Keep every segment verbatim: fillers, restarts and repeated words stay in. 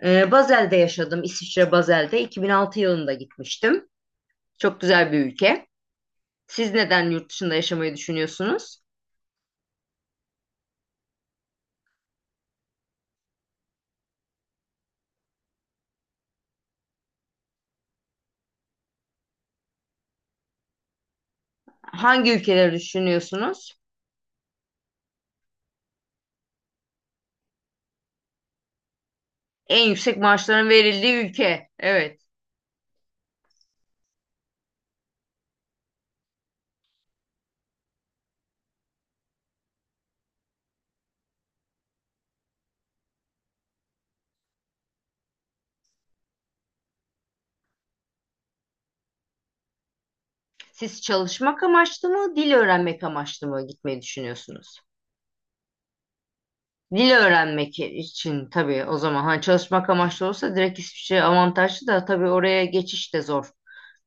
Ee, Basel'de yaşadım. İsviçre Basel'de. iki bin altı yılında gitmiştim. Çok güzel bir ülke. Siz neden yurt dışında yaşamayı düşünüyorsunuz? Hangi ülkeleri düşünüyorsunuz? En yüksek maaşların verildiği ülke. Evet. Siz çalışmak amaçlı mı, dil öğrenmek amaçlı mı gitmeyi düşünüyorsunuz? Dil öğrenmek için tabii o zaman hani çalışmak amaçlı olsa direkt İsviçre avantajlı da tabii oraya geçiş de zor.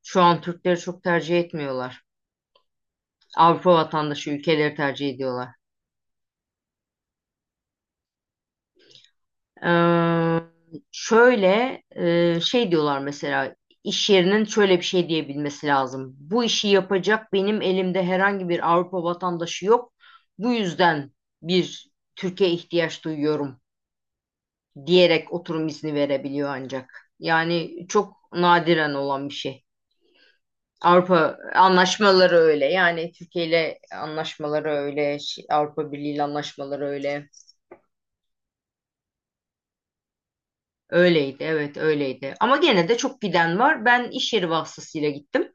Şu an Türkleri çok tercih etmiyorlar. Avrupa vatandaşı ülkeleri tercih ediyorlar. Ee, şöyle e, şey diyorlar mesela iş yerinin şöyle bir şey diyebilmesi lazım. Bu işi yapacak benim elimde herhangi bir Avrupa vatandaşı yok. Bu yüzden bir Türkiye ihtiyaç duyuyorum diyerek oturum izni verebiliyor ancak. Yani çok nadiren olan bir şey. Avrupa anlaşmaları öyle. Yani Türkiye ile anlaşmaları öyle, şey- Avrupa Birliği ile anlaşmaları öyle. Öyleydi, evet öyleydi. Ama gene de çok giden var. Ben iş yeri vasıtasıyla gittim.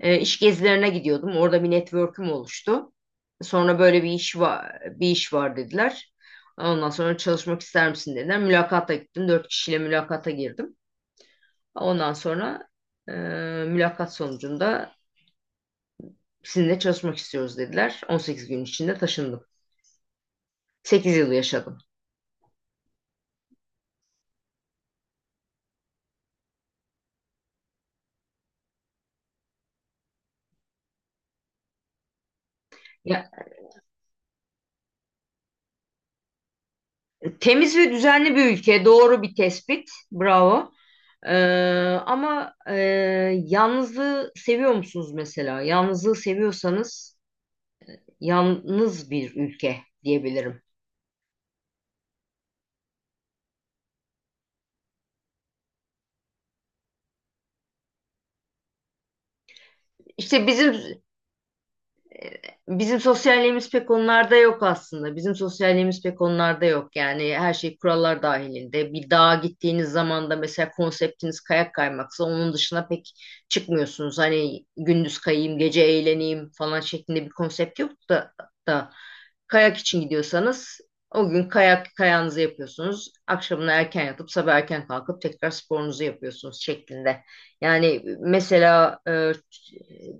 E, iş gezilerine gidiyordum. Orada bir network'üm oluştu. Sonra böyle bir iş var, bir iş var dediler. Ondan sonra çalışmak ister misin dediler. Mülakata gittim. Dört kişiyle mülakata girdim. Ondan sonra e, mülakat sonucunda sizinle çalışmak istiyoruz dediler. On sekiz gün içinde taşındım. Sekiz yıl yaşadım. Temiz ve düzenli bir ülke. Doğru bir tespit. Bravo. Ee, ama e, yalnızlığı seviyor musunuz mesela? Yalnızlığı seviyorsanız yalnız bir ülke diyebilirim. İşte bizim Bizim sosyalliğimiz pek onlarda yok aslında. Bizim sosyalliğimiz pek onlarda yok. Yani her şey kurallar dahilinde. Bir dağa gittiğiniz zaman da mesela konseptiniz kayak kaymaksa onun dışına pek çıkmıyorsunuz. Hani gündüz kayayım, gece eğleneyim falan şeklinde bir konsept yok da, da kayak için gidiyorsanız o gün kayak kayağınızı yapıyorsunuz. Akşamına erken yatıp sabah erken kalkıp tekrar sporunuzu yapıyorsunuz şeklinde. Yani mesela e,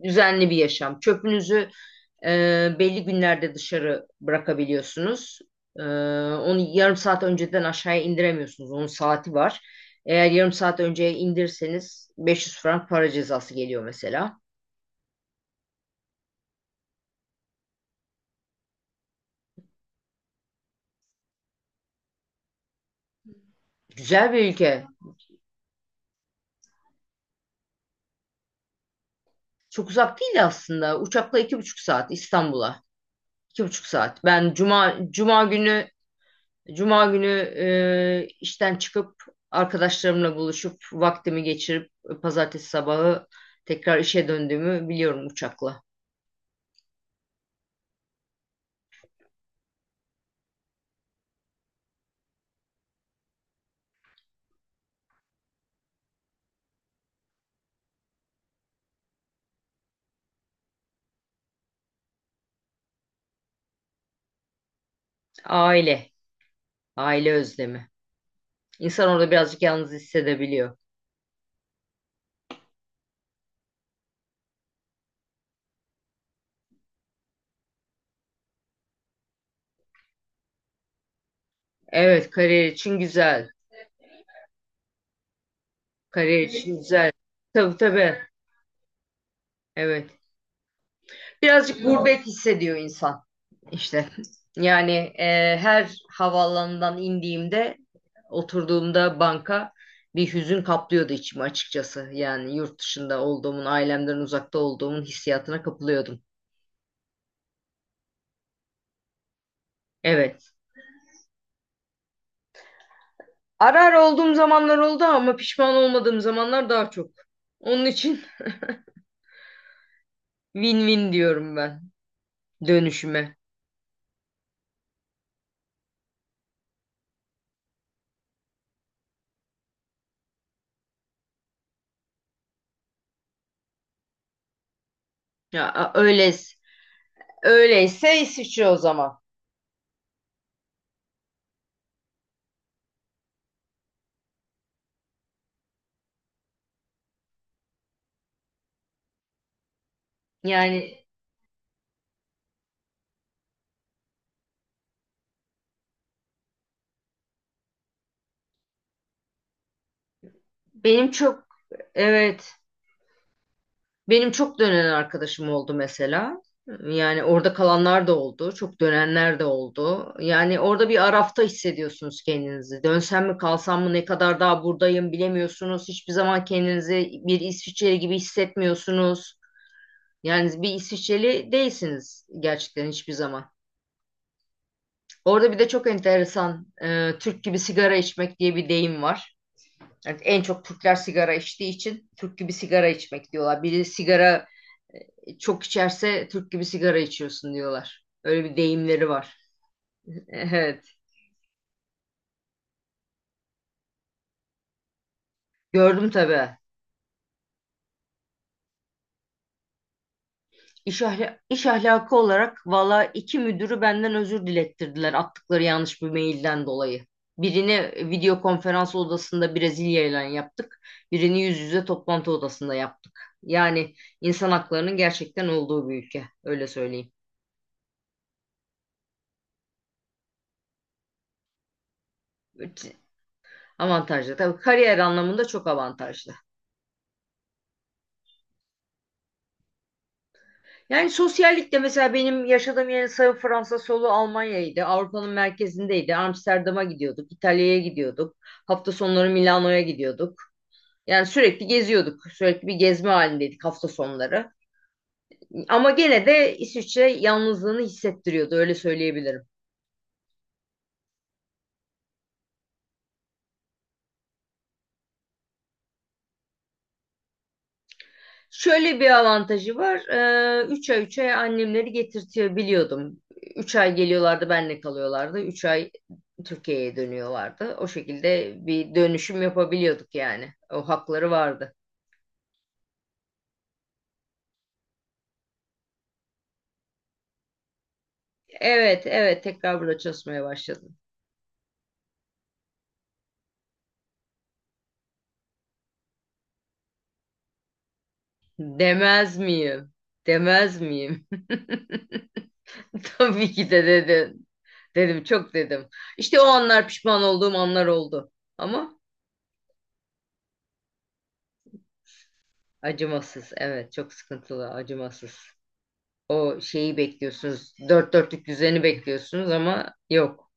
düzenli bir yaşam. Çöpünüzü ee, belli günlerde dışarı bırakabiliyorsunuz. Ee, onu yarım saat önceden aşağıya indiremiyorsunuz. Onun saati var. Eğer yarım saat önceye indirseniz beş yüz frank para cezası geliyor mesela. Güzel bir ülke. Çok uzak değil aslında. Uçakla iki buçuk saat İstanbul'a. İki buçuk saat. Ben cuma cuma günü cuma günü e, işten çıkıp arkadaşlarımla buluşup vaktimi geçirip pazartesi sabahı tekrar işe döndüğümü biliyorum uçakla. Aile. Aile özlemi. İnsan orada birazcık yalnız hissedebiliyor. Evet, kariyer için güzel. Kariyer için güzel. Tabii tabii. Evet. Birazcık gurbet hissediyor insan işte. Yani e, her havaalanından indiğimde, oturduğumda banka bir hüzün kaplıyordu içimi açıkçası. Yani yurt dışında olduğumun, ailemden uzakta olduğumun hissiyatına kapılıyordum. Evet. Ara ara olduğum zamanlar oldu ama pişman olmadığım zamanlar daha çok. Onun için win-win diyorum ben. Dönüşüme. Ya a- öyle öyleyse İsviçre o zaman. Yani benim çok Evet, benim çok dönen arkadaşım oldu mesela. Yani orada kalanlar da oldu, çok dönenler de oldu. Yani orada bir arafta hissediyorsunuz kendinizi. Dönsem mi kalsam mı ne kadar daha buradayım bilemiyorsunuz. Hiçbir zaman kendinizi bir İsviçreli gibi hissetmiyorsunuz. Yani bir İsviçreli değilsiniz gerçekten hiçbir zaman. Orada bir de çok enteresan e, Türk gibi sigara içmek diye bir deyim var. Yani en çok Türkler sigara içtiği için Türk gibi sigara içmek diyorlar. Biri sigara e, çok içerse Türk gibi sigara içiyorsun diyorlar. Öyle bir deyimleri var. Evet. Gördüm tabii. İş, ahla- iş ahlakı olarak valla iki müdürü benden özür dilettirdiler attıkları yanlış bir mailden dolayı. Birini video konferans odasında Brezilya ile yaptık. Birini yüz yüze toplantı odasında yaptık. Yani insan haklarının gerçekten olduğu bir ülke. Öyle söyleyeyim. Avantajlı. Tabii kariyer anlamında çok avantajlı. Yani sosyallik de mesela benim yaşadığım yerin sağı Fransa, solu Almanya'ydı. Avrupa'nın merkezindeydi. Amsterdam'a gidiyorduk, İtalya'ya gidiyorduk. Hafta sonları Milano'ya gidiyorduk. Yani sürekli geziyorduk. Sürekli bir gezme halindeydik hafta sonları. Ama gene de İsviçre yalnızlığını hissettiriyordu öyle söyleyebilirim. Şöyle bir avantajı var. Ee, üç ay üç ay annemleri getirtiyor biliyordum. Üç ay geliyorlardı benle kalıyorlardı. Üç ay Türkiye'ye dönüyorlardı. O şekilde bir dönüşüm yapabiliyorduk yani. O hakları vardı. Evet evet tekrar burada çalışmaya başladım. Demez miyim? Demez miyim? Tabii ki de dedin. Dedim, çok dedim. İşte o anlar pişman olduğum anlar oldu. Ama acımasız. Evet, çok sıkıntılı, acımasız. O şeyi bekliyorsunuz. Dört dörtlük düzeni bekliyorsunuz ama yok.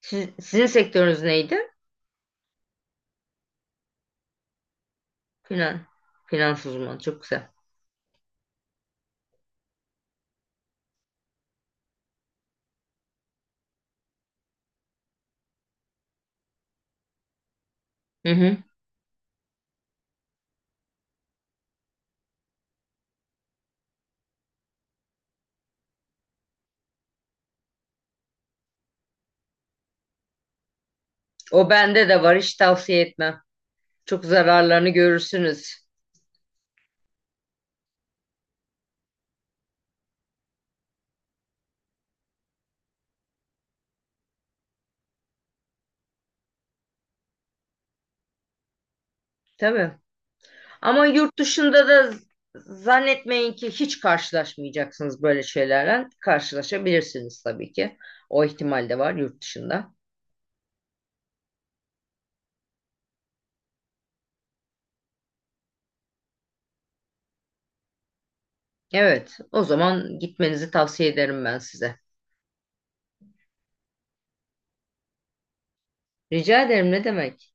Siz- sizin sektörünüz neydi? Finan. Finans uzmanı. Çok güzel. Hı hı. O bende de var. Hiç tavsiye etmem. Çok zararlarını görürsünüz. Tabii. Ama yurt dışında da z- zannetmeyin ki hiç karşılaşmayacaksınız böyle şeylerle. Karşılaşabilirsiniz tabii ki. O ihtimal de var yurt dışında. Evet, o zaman gitmenizi tavsiye ederim ben size. Rica ederim, ne demek.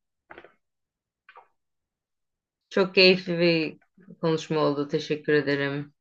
Çok keyifli bir konuşma oldu. Teşekkür ederim.